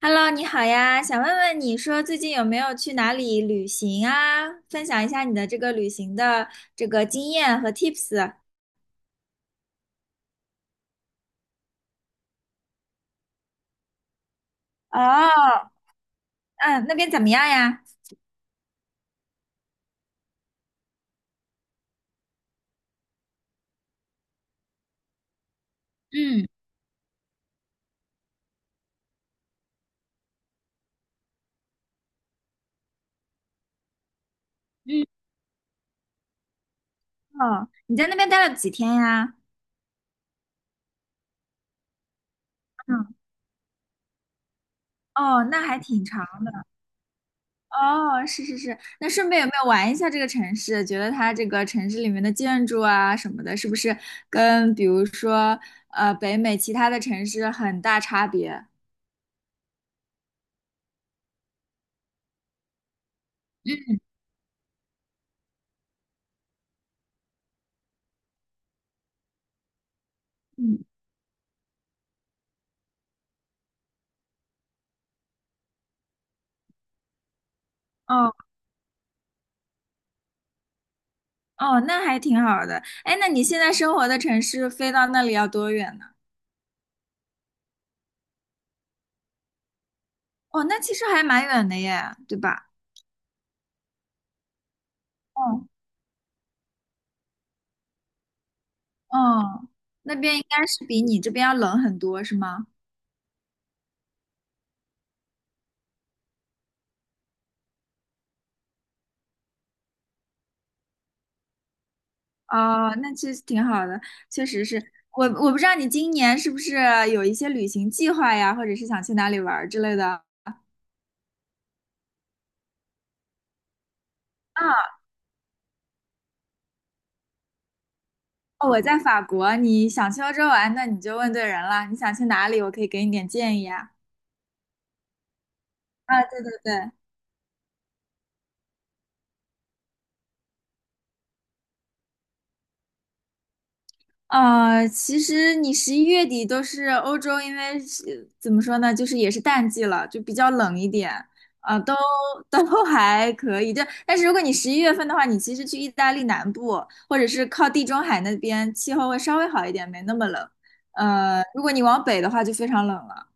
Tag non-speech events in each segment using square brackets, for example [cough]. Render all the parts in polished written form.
Hello，你好呀，想问问你说最近有没有去哪里旅行啊？分享一下你的这个旅行的这个经验和 tips。哦，嗯，那边怎么样呀？嗯嗯，哦，你在那边待了几天呀？嗯，哦，那还挺长。哦，是是是，那顺便有没有玩一下这个城市？觉得它这个城市里面的建筑啊什么的，是不是跟比如说北美其他的城市很大差别？嗯嗯，哦。哦，那还挺好的。哎，那你现在生活的城市飞到那里要多远呢？哦，那其实还蛮远的耶，对吧？哦，哦，那边应该是比你这边要冷很多，是吗？哦，那其实挺好的，确实是。我不知道你今年是不是有一些旅行计划呀，或者是想去哪里玩儿之类的。啊，哦我在法国，你想去欧洲玩，那你就问对人了。你想去哪里，我可以给你点建议啊。啊，对对对，其实你11月底都是欧洲，因为是怎么说呢，就是也是淡季了，就比较冷一点，啊、都 [laughs] 还可以。但是如果你11月份的话，你其实去意大利南部，或者是靠地中海那边，气候会稍微好一点，没那么冷。如果你往北的话，就非常冷了。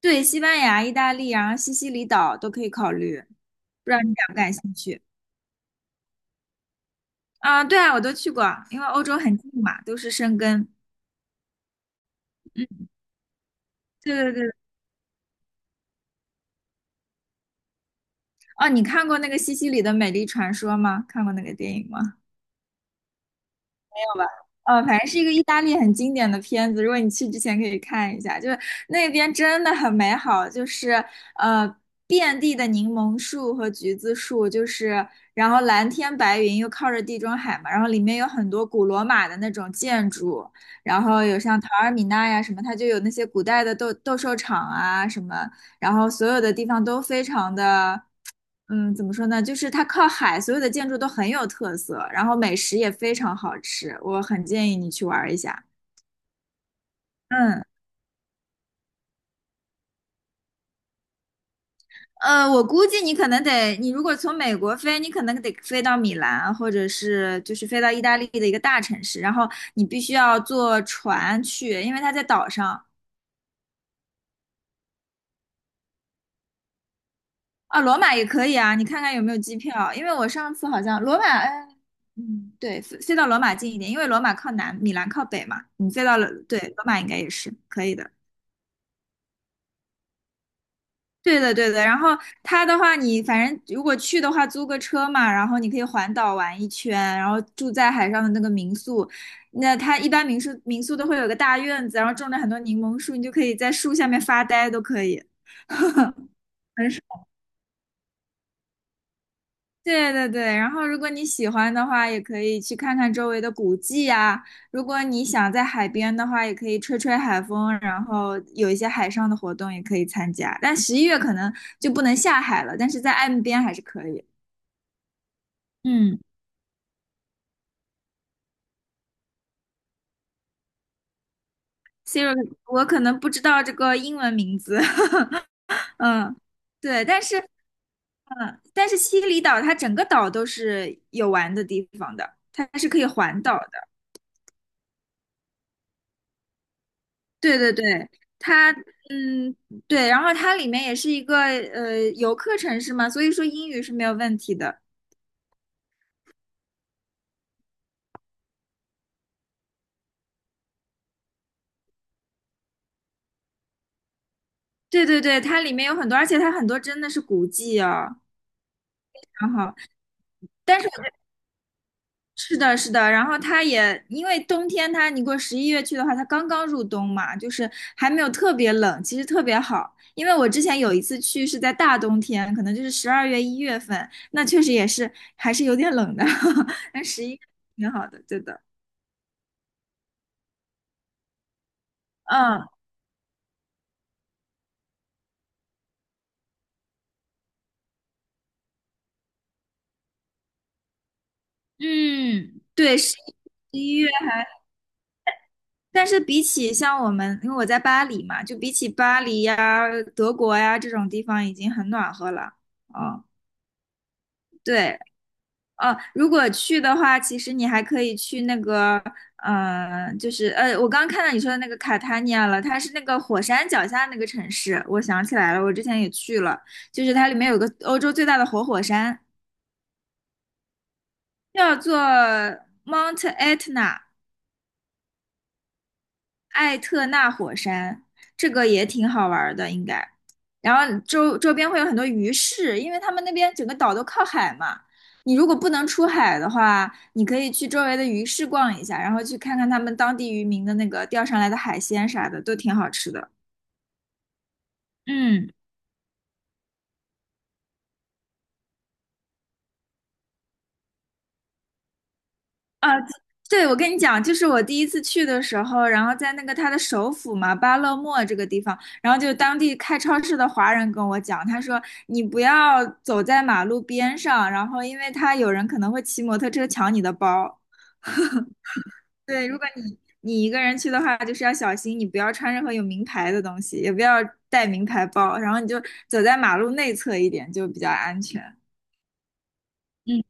对，西班牙、意大利，然后西西里岛都可以考虑，不知道你感不感兴趣？啊、对啊，我都去过，因为欧洲很近嘛，都是生根。嗯，对对对。哦，你看过那个西西里的美丽传说吗？看过那个电影吗？没有吧？哦，反正是一个意大利很经典的片子，如果你去之前可以看一下，就是那边真的很美好，就是呃遍地的柠檬树和橘子树，就是然后蓝天白云又靠着地中海嘛，然后里面有很多古罗马的那种建筑，然后有像陶尔米纳呀什么，它就有那些古代的斗兽场啊什么，然后所有的地方都非常的，嗯，怎么说呢？就是它靠海，所有的建筑都很有特色，然后美食也非常好吃，我很建议你去玩儿一下。嗯，我估计你可能得，你如果从美国飞，你可能得飞到米兰，或者是就是飞到意大利的一个大城市，然后你必须要坐船去，因为它在岛上。啊，罗马也可以啊，你看看有没有机票，因为我上次好像罗马，哎，嗯，对，飞到罗马近一点，因为罗马靠南，米兰靠北嘛，你飞到了，对，罗马应该也是可以的。对的，对的。然后它的话，你反正如果去的话，租个车嘛，然后你可以环岛玩一圈，然后住在海上的那个民宿。那它一般民宿都会有个大院子，然后种了很多柠檬树，你就可以在树下面发呆，都可以。对对对，然后如果你喜欢的话，也可以去看看周围的古迹呀。如果你想在海边的话，也可以吹吹海风，然后有一些海上的活动也可以参加。但十一月可能就不能下海了，但是在岸边还是可以。嗯，Siri，我可能不知道这个英文名字，[laughs] 嗯，对，但是西里岛它整个岛都是有玩的地方的，它是可以环岛的。对对对。它。嗯，对，然后它里面也是一个游客城市嘛，所以说英语是没有问题的。对对对，它里面有很多，而且它很多真的是古迹哦。然后，但是是的，是的，然后它也因为冬天它，你如果十一月去的话，它刚刚入冬嘛，就是还没有特别冷，其实特别好。因为我之前有一次去是在大冬天，可能就是12月1月份，那确实也是还是有点冷的，[laughs] 但十一挺好的，对的。嗯嗯，对，11月但是比起像我们，因为我在巴黎嘛，就比起巴黎呀、德国呀这种地方已经很暖和了。哦，对，哦，如果去的话，其实你还可以去那个，就是我刚看到你说的那个卡塔尼亚了，它是那个火山脚下那个城市，我想起来了，我之前也去了，就是它里面有个欧洲最大的活火山，叫做 Mount Etna。艾特纳火山，这个也挺好玩的，应该。然后周边会有很多鱼市，因为他们那边整个岛都靠海嘛。你如果不能出海的话，你可以去周围的鱼市逛一下，然后去看看他们当地渔民的那个钓上来的海鲜啥的，都挺好吃的。嗯。啊，对，我跟你讲，就是我第一次去的时候，然后在那个他的首府嘛，巴勒莫这个地方，然后就当地开超市的华人跟我讲，他说你不要走在马路边上，然后因为他有人可能会骑摩托车抢你的包。对，如果你一个人去的话，就是要小心，你不要穿任何有名牌的东西，也不要带名牌包，然后你就走在马路内侧一点，就比较安全。嗯。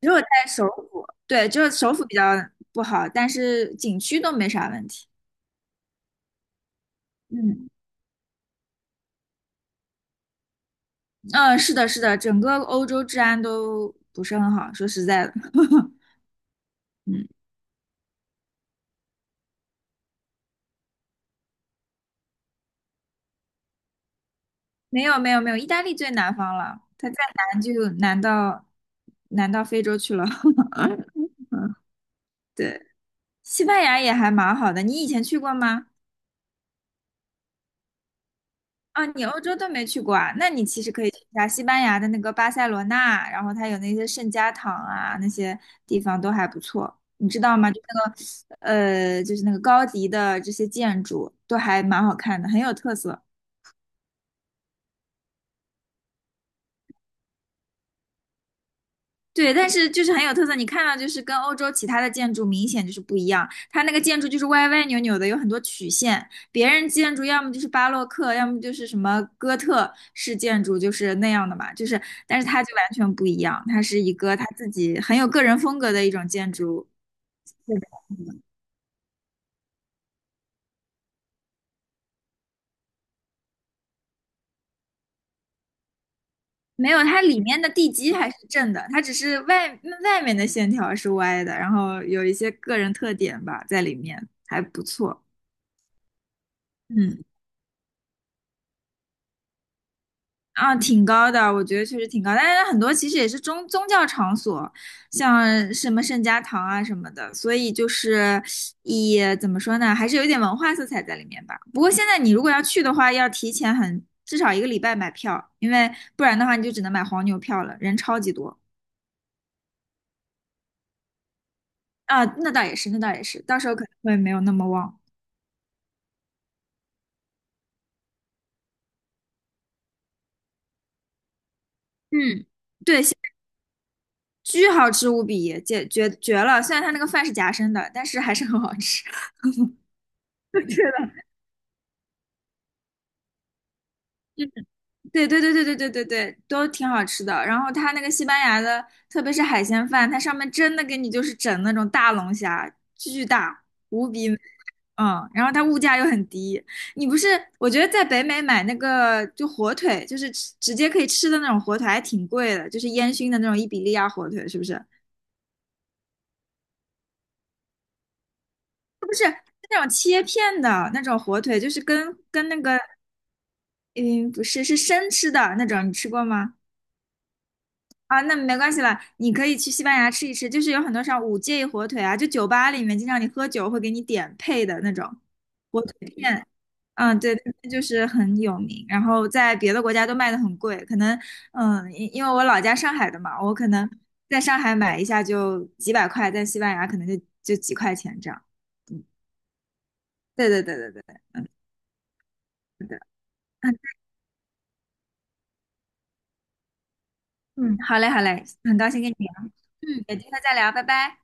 只有在首府，对，就是首府比较不好，但是景区都没啥问题。嗯嗯，是的，是的，整个欧洲治安都不是很好，说实在的，[laughs] 嗯，没有没有没有，意大利最南方了，它再南就南到南到非洲去了。[laughs] 对，西班牙也还蛮好的，你以前去过吗？啊，你欧洲都没去过啊？那你其实可以去一下西班牙的那个巴塞罗那，然后它有那些圣家堂啊，那些地方都还不错，你知道吗？就那个，就是那个高迪的这些建筑都还蛮好看的，很有特色。对，但是就是很有特色，你看到就是跟欧洲其他的建筑明显就是不一样，它那个建筑就是歪歪扭扭的，有很多曲线。别人建筑要么就是巴洛克，要么就是什么哥特式建筑，就是那样的嘛，就是，但是它就完全不一样，它是一个它自己很有个人风格的一种建筑。没有，它里面的地基还是正的，它只是外面的线条是歪的，然后有一些个人特点吧在里面，还不错。嗯。啊，挺高的，我觉得确实挺高，但是很多其实也是宗教场所，像什么圣家堂啊什么的，所以就是也怎么说呢，还是有一点文化色彩在里面吧。不过现在你如果要去的话，要提前很至少1个礼拜买票，因为不然的话你就只能买黄牛票了，人超级多啊。那倒也是，那倒也是，到时候可能会没有那么旺。嗯，对，现在巨好吃无比，绝绝绝了。虽然它那个饭是夹生的，但是还是很好吃。[laughs] 对的。对对对对对对对对，都挺好吃的。然后它那个西班牙的，特别是海鲜饭，它上面真的给你就是整那种大龙虾，巨大无比美嗯。然后它物价又很低，你不是？我觉得在北美买那个就火腿，就是吃直接可以吃的那种火腿，还挺贵的，就是烟熏的那种伊比利亚火腿，是不是？那种切片的那种火腿，就是跟那个嗯不是是生吃的那种，你吃过吗？啊，那没关系了，你可以去西班牙吃一吃，就是有很多像五戒火腿啊，就酒吧里面经常你喝酒会给你点配的那种火腿片，嗯，对，那就是很有名，然后在别的国家都卖的很贵，可能，嗯，因为我老家上海的嘛，我可能在上海买一下就几百块，在西班牙可能就几块钱这样，嗯，对对对对对，[laughs] 嗯，好嘞好嘞，很高兴跟你聊，嗯，有机会再聊，拜拜。